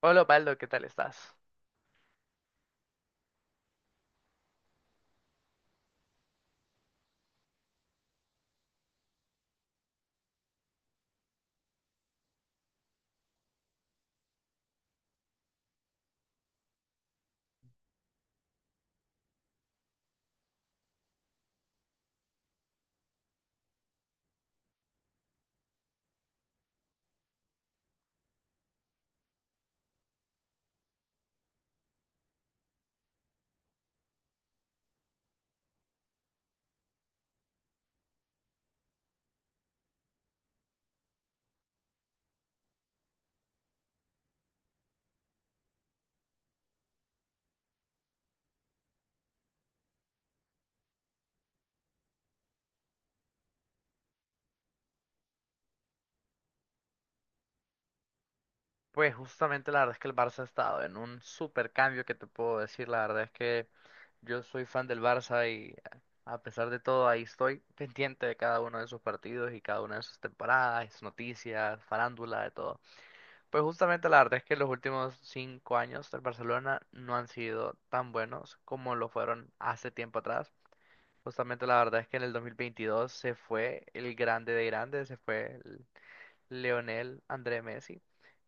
Hola, Osvaldo, ¿qué tal estás? Pues justamente la verdad es que el Barça ha estado en un super cambio que te puedo decir. La verdad es que yo soy fan del Barça y a pesar de todo ahí estoy pendiente de cada uno de sus partidos y cada una de sus temporadas, sus noticias, farándula, de todo. Pues justamente la verdad es que los últimos cinco años del Barcelona no han sido tan buenos como lo fueron hace tiempo atrás. Justamente la verdad es que en el 2022 se fue el grande de grandes, se fue Leonel, André Messi.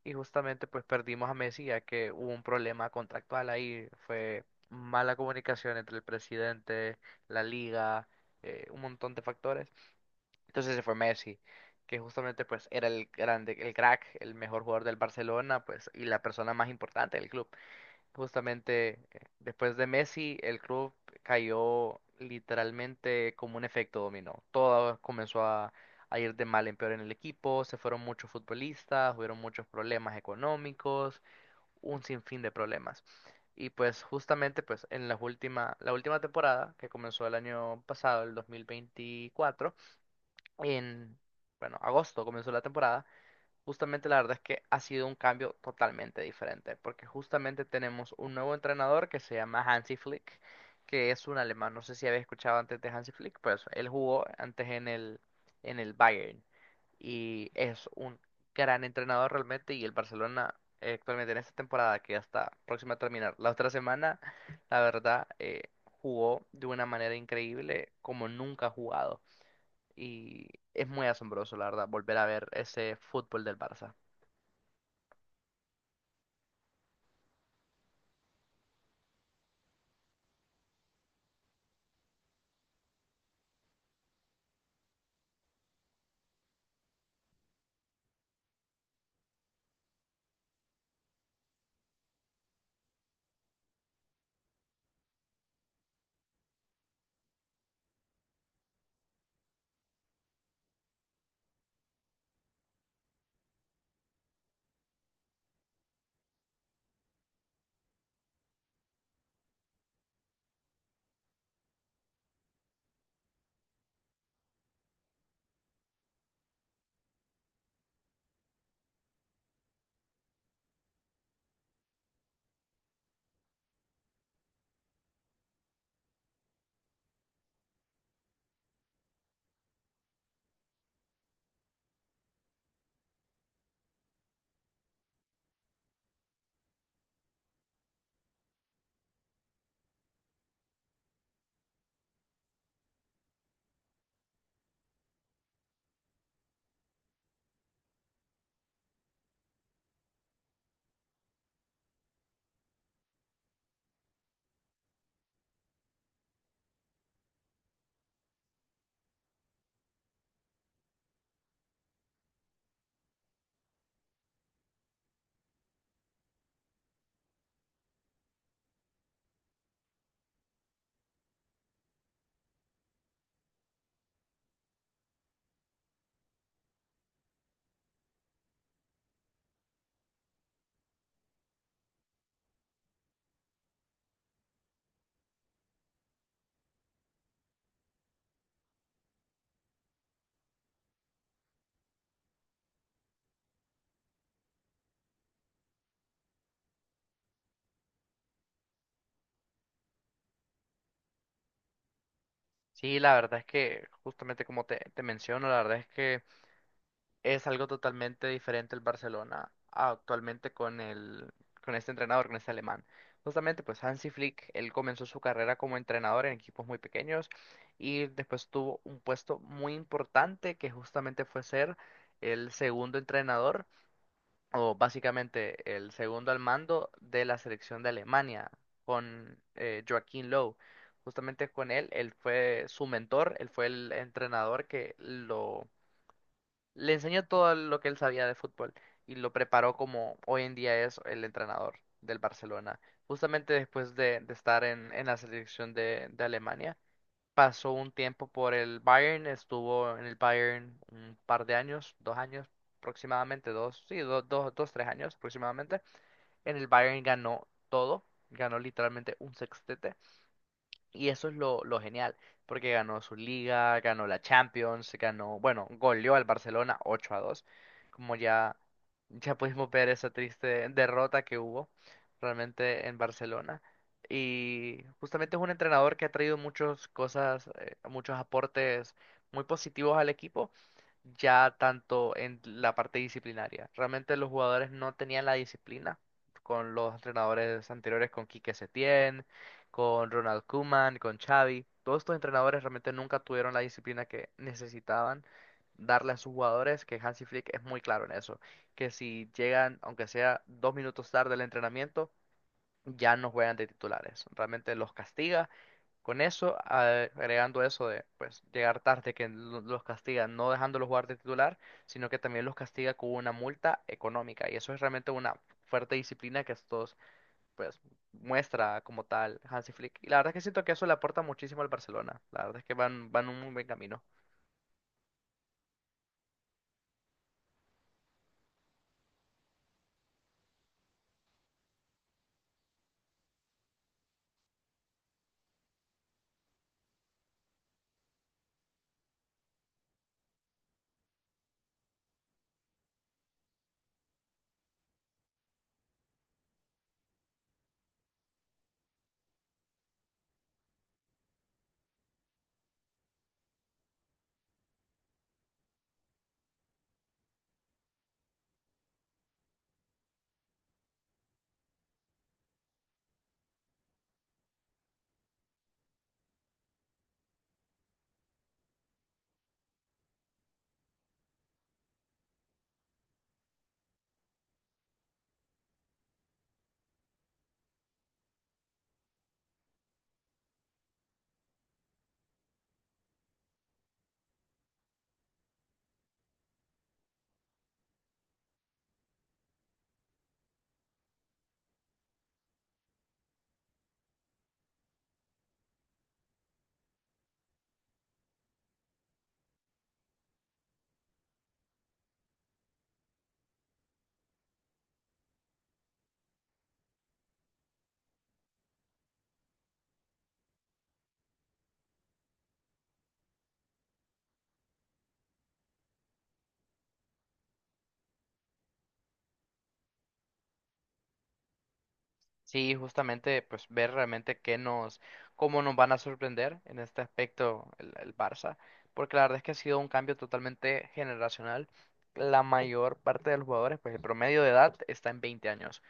Y justamente pues perdimos a Messi ya que hubo un problema contractual ahí. Fue mala comunicación entre el presidente, la liga, un montón de factores. Entonces se fue Messi, que justamente pues era el grande, el crack, el mejor jugador del Barcelona, pues, y la persona más importante del club. Justamente después de Messi, el club cayó literalmente como un efecto dominó. Todo comenzó a ir de mal en peor en el equipo, se fueron muchos futbolistas, hubieron muchos problemas económicos, un sinfín de problemas. Y pues justamente pues en la última temporada, que comenzó el año pasado, el 2024, en, bueno, agosto comenzó la temporada. Justamente la verdad es que ha sido un cambio totalmente diferente, porque justamente tenemos un nuevo entrenador que se llama Hansi Flick, que es un alemán. No sé si habéis escuchado antes de Hansi Flick, pues él jugó antes en el Bayern y es un gran entrenador realmente, y el Barcelona actualmente en esta temporada que ya está próxima a terminar la otra semana, la verdad jugó de una manera increíble como nunca ha jugado, y es muy asombroso la verdad volver a ver ese fútbol del Barça. Sí, la verdad es que justamente como te menciono, la verdad es que es algo totalmente diferente el Barcelona actualmente con con este entrenador, con este alemán. Justamente, pues Hansi Flick, él comenzó su carrera como entrenador en equipos muy pequeños, y después tuvo un puesto muy importante que justamente fue ser el segundo entrenador o básicamente el segundo al mando de la selección de Alemania, con Joachim Löw. Justamente con él, él fue su mentor, él fue el entrenador que lo le enseñó todo lo que él sabía de fútbol y lo preparó como hoy en día es el entrenador del Barcelona. Justamente después de estar en la selección de Alemania, pasó un tiempo por el Bayern, estuvo en el Bayern un par de años, dos años aproximadamente, dos, sí, tres años aproximadamente. En el Bayern ganó todo, ganó literalmente un sextete. Y eso es lo genial, porque ganó su liga, ganó la Champions, ganó, bueno, goleó al Barcelona 8 a dos. Como ya, ya pudimos ver esa triste derrota que hubo realmente en Barcelona. Y justamente es un entrenador que ha traído muchas cosas, muchos aportes muy positivos al equipo, ya tanto en la parte disciplinaria. Realmente los jugadores no tenían la disciplina con los entrenadores anteriores, con Quique Setién, con Ronald Koeman, con Xavi. Todos estos entrenadores realmente nunca tuvieron la disciplina que necesitaban darle a sus jugadores, que Hansi Flick es muy claro en eso, que si llegan, aunque sea dos minutos tarde al entrenamiento, ya no juegan de titulares. Realmente los castiga con eso, agregando eso de pues llegar tarde, que los castiga no dejándolos jugar de titular, sino que también los castiga con una multa económica. Y eso es realmente una fuerte disciplina que estos pues muestra como tal Hansi Flick. Y la verdad es que siento que eso le aporta muchísimo al Barcelona. La verdad es que van un muy buen camino. Sí, justamente, pues ver realmente cómo nos van a sorprender en este aspecto el Barça, porque la verdad es que ha sido un cambio totalmente generacional. La mayor parte de los jugadores, pues el promedio de edad está en 20 años.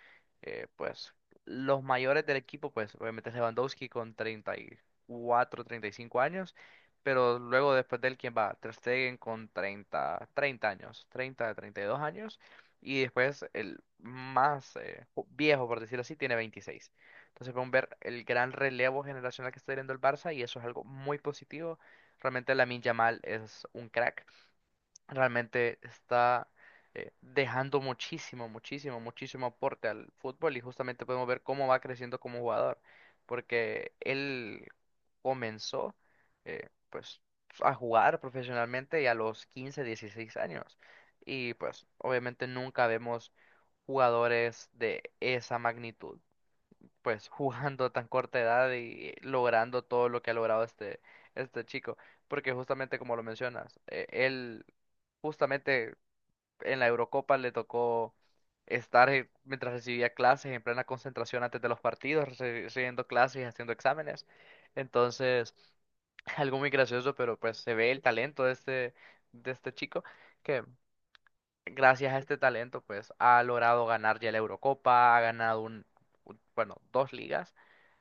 Pues los mayores del equipo, pues obviamente es Lewandowski con 34, 35 años, pero luego después de él, ¿quién va? Ter Stegen con 30, 30 años, 30, 32 años. Y después el más viejo, por decirlo así, tiene 26. Entonces podemos ver el gran relevo generacional que está teniendo el Barça, y eso es algo muy positivo. Realmente Lamine Yamal es un crack, realmente está dejando muchísimo, muchísimo, muchísimo aporte al fútbol, y justamente podemos ver cómo va creciendo como jugador, porque él comenzó pues a jugar profesionalmente y a los 15, 16 años, y pues obviamente nunca vemos jugadores de esa magnitud pues jugando a tan corta edad y logrando todo lo que ha logrado este chico. Porque justamente como lo mencionas, él justamente en la Eurocopa le tocó estar mientras recibía clases en plena concentración antes de los partidos, recibiendo clases y haciendo exámenes. Entonces, algo muy gracioso, pero pues se ve el talento de de este chico. Que gracias a este talento, pues ha logrado ganar ya la Eurocopa, ha ganado bueno, dos ligas,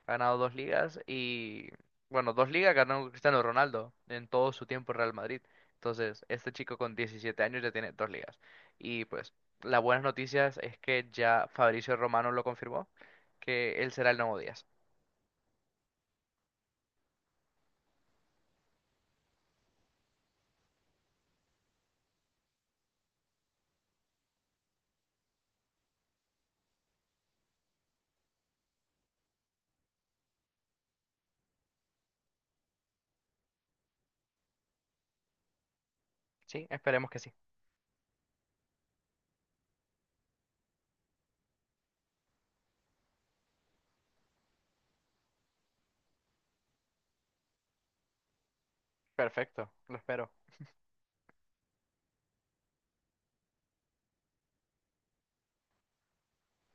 ha ganado dos ligas, y, bueno, dos ligas ganó Cristiano Ronaldo en todo su tiempo en Real Madrid. Entonces, este chico con 17 años ya tiene dos ligas. Y pues, las buenas noticias es que ya Fabricio Romano lo confirmó, que él será el nuevo Díaz. Sí, esperemos que sí. Perfecto, lo espero.